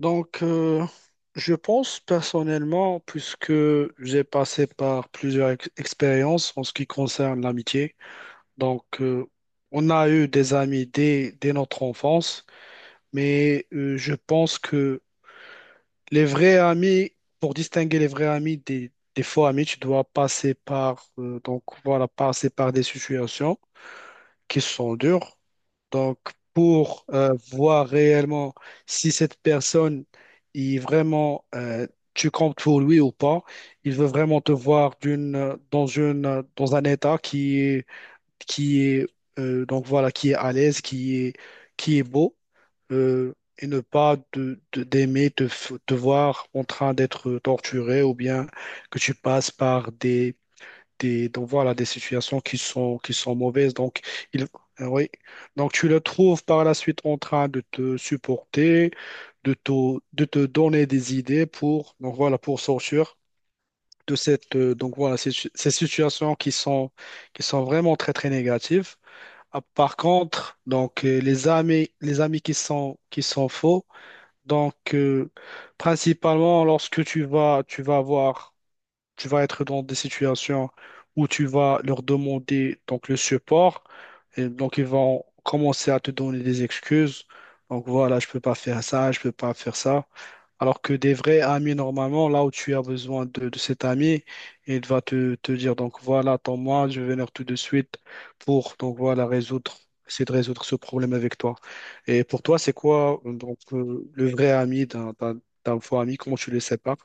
Donc, je pense personnellement, puisque j'ai passé par plusieurs expériences en ce qui concerne l'amitié, donc, on a eu des amis dès notre enfance, mais, je pense que les vrais amis, pour distinguer les vrais amis des faux amis, tu dois passer par des situations qui sont dures. Donc, pour voir réellement si cette personne est tu comptes pour lui ou pas, il veut vraiment te voir dans un état qui est, donc voilà, qui est à l'aise, qui est beau, et ne pas d'aimer te voir en train d'être torturé ou bien que tu passes par des situations qui sont mauvaises. Donc, il, oui. Donc, tu le trouves par la suite en train de te supporter, de te, de te donner des idées pour sortir de cette, donc voilà, ces, ces situations qui sont vraiment très, très négatives. Ah, par contre, donc, les amis qui sont faux, donc, principalement lorsque tu vas être dans des situations où tu vas leur demander donc le support et donc ils vont commencer à te donner des excuses. Donc voilà, je peux pas faire ça, je peux pas faire ça. Alors que des vrais amis, normalement, là où tu as besoin de cet ami, il va te dire, donc voilà, attends-moi, je vais venir tout de suite pour, donc voilà, essayer de résoudre ce problème avec toi. Et pour toi, c'est quoi, donc, le vrai ami d'un faux ami, comment tu le sépares?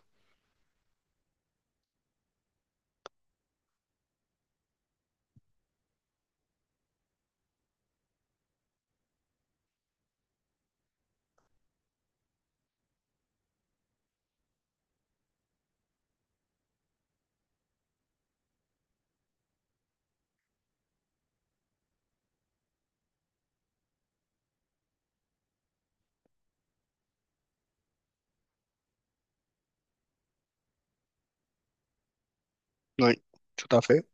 Oui, tout à fait.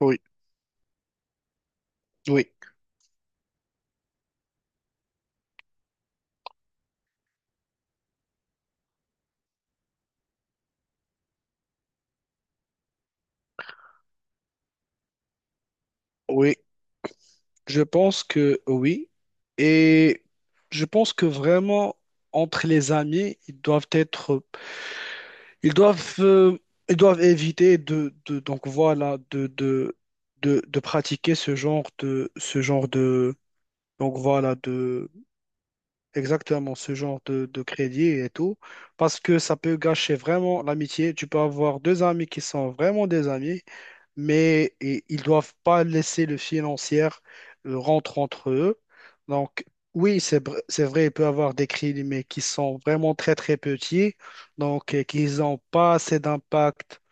Oui, oui, oui. Je pense que oui. Et je pense que vraiment, entre les amis, ils doivent être, ils doivent, euh, ils doivent éviter donc voilà, de pratiquer donc voilà, exactement, ce genre de crédit et tout, parce que ça peut gâcher vraiment l'amitié. Tu peux avoir deux amis qui sont vraiment des amis, mais ils doivent pas laisser le financier rentrer entre eux. Donc, oui, c'est vrai, il peut y avoir des crédits, mais qui sont vraiment très, très petits, donc, qu'ils n'ont pas assez d'impact,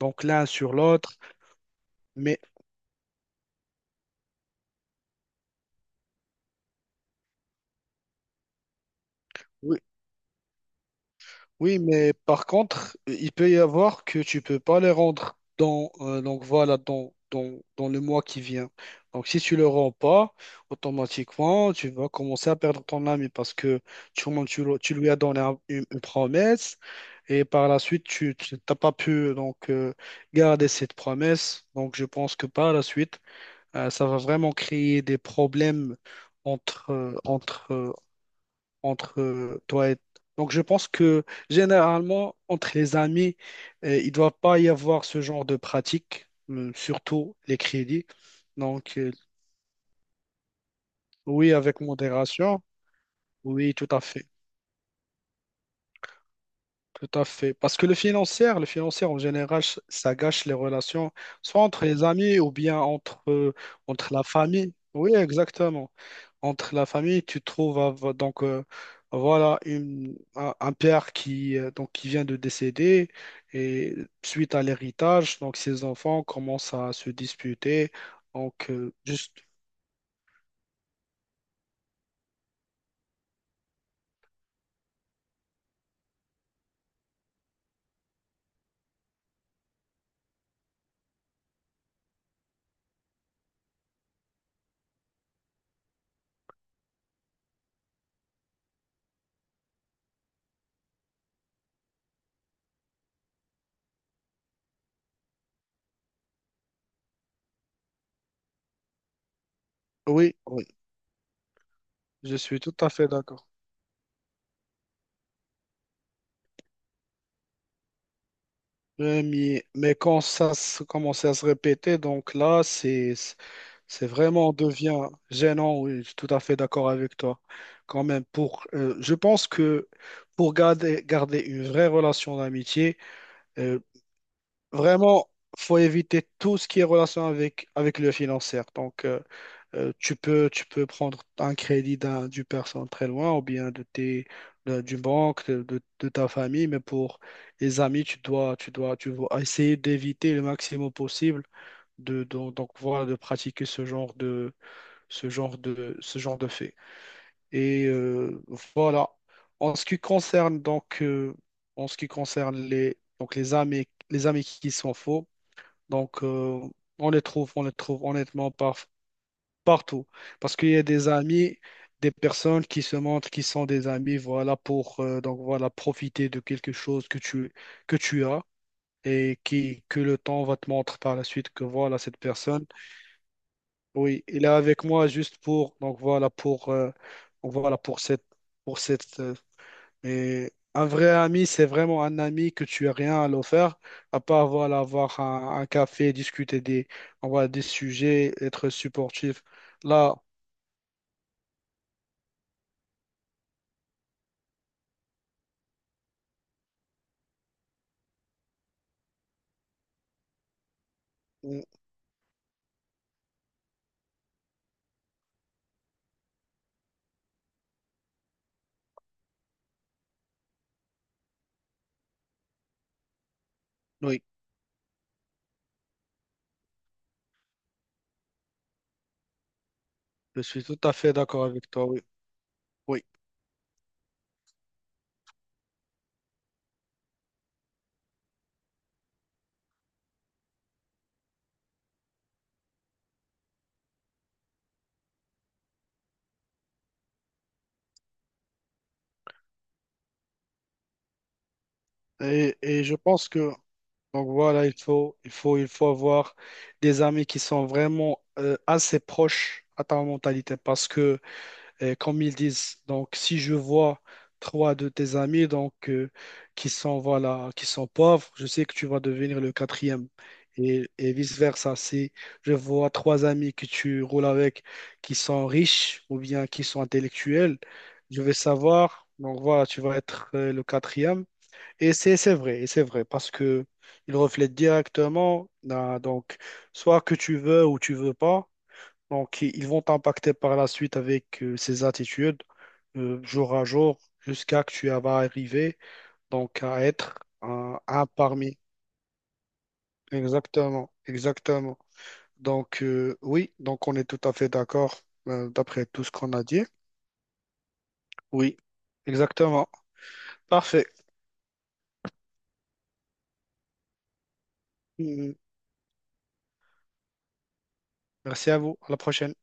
donc l'un sur l'autre. Mais oui. Oui, mais par contre, il peut y avoir que tu peux pas les rendre dans, donc voilà, dans, dans, dans le mois qui vient. Donc, si tu le rends pas, automatiquement, tu vas commencer à perdre ton ami parce que tu lui as donné une promesse et par la suite, t'as pas pu donc, garder cette promesse. Donc, je pense que par la suite, ça va vraiment créer des problèmes entre, euh, entre, euh, entre toi et... Donc je pense que généralement, entre les amis, il ne doit pas y avoir ce genre de pratique, surtout les crédits. Donc, oui, avec modération, oui, tout à fait. Tout à fait. Parce que le financier en général, ça gâche les relations, soit entre les amis ou bien entre la famille. Oui, exactement. Entre la famille, tu trouves donc, voilà un père qui vient de décéder et suite à l'héritage, donc ses enfants commencent à se disputer. Donc, juste. Oui, oui, je suis tout à fait d'accord. Ouais, mais quand ça commençait à se répéter, donc là, c'est vraiment devient gênant. Oui, je suis tout à fait d'accord avec toi. Quand même, je pense que pour garder une vraie relation d'amitié, euh, vraiment, faut éviter tout ce qui est relation avec le financier. Donc, tu peux prendre un crédit d'une personne très loin ou bien d'une banque, de ta famille, mais pour les amis, tu dois essayer d'éviter le maximum possible de, donc, voilà, de pratiquer ce genre de, ce genre de, ce genre de fait. Et, voilà. En ce qui concerne les amis qui sont faux, donc, on les trouve honnêtement partout. Parce qu'il y a des amis, des personnes qui se montrent qui sont des amis, voilà, pour donc voilà, profiter de quelque chose que tu as et que le temps va te montrer par la suite que voilà, cette personne, oui, il est avec moi juste donc voilà, pour cette, pour cette, euh, mais un vrai ami, c'est vraiment un ami que tu as rien à l'offrir, à part, voilà, avoir un café, discuter des sujets, être supportif. Là, on- oui. Je suis tout à fait d'accord avec toi, oui. Oui. Et, je pense que, donc voilà, il faut avoir des amis qui sont vraiment assez proches à ta mentalité parce que comme ils disent. Donc, si je vois trois de tes amis donc, qui sont pauvres, je sais que tu vas devenir le quatrième. Et, vice-versa, si je vois trois amis que tu roules avec qui sont riches ou bien qui sont intellectuels, je vais savoir, donc voilà, tu vas être le quatrième. Et c'est vrai, et c'est vrai, parce que il reflète directement, ah, donc, soit que tu veux ou tu veux pas, donc, ils vont t'impacter par la suite avec ces attitudes, jour à jour, jusqu'à que tu vas arriver donc à être un parmi. Exactement, exactement. Donc, oui, donc on est tout à fait d'accord, d'après tout ce qu'on a dit. Oui, exactement. Parfait. Mhm. Merci à vous. À la prochaine.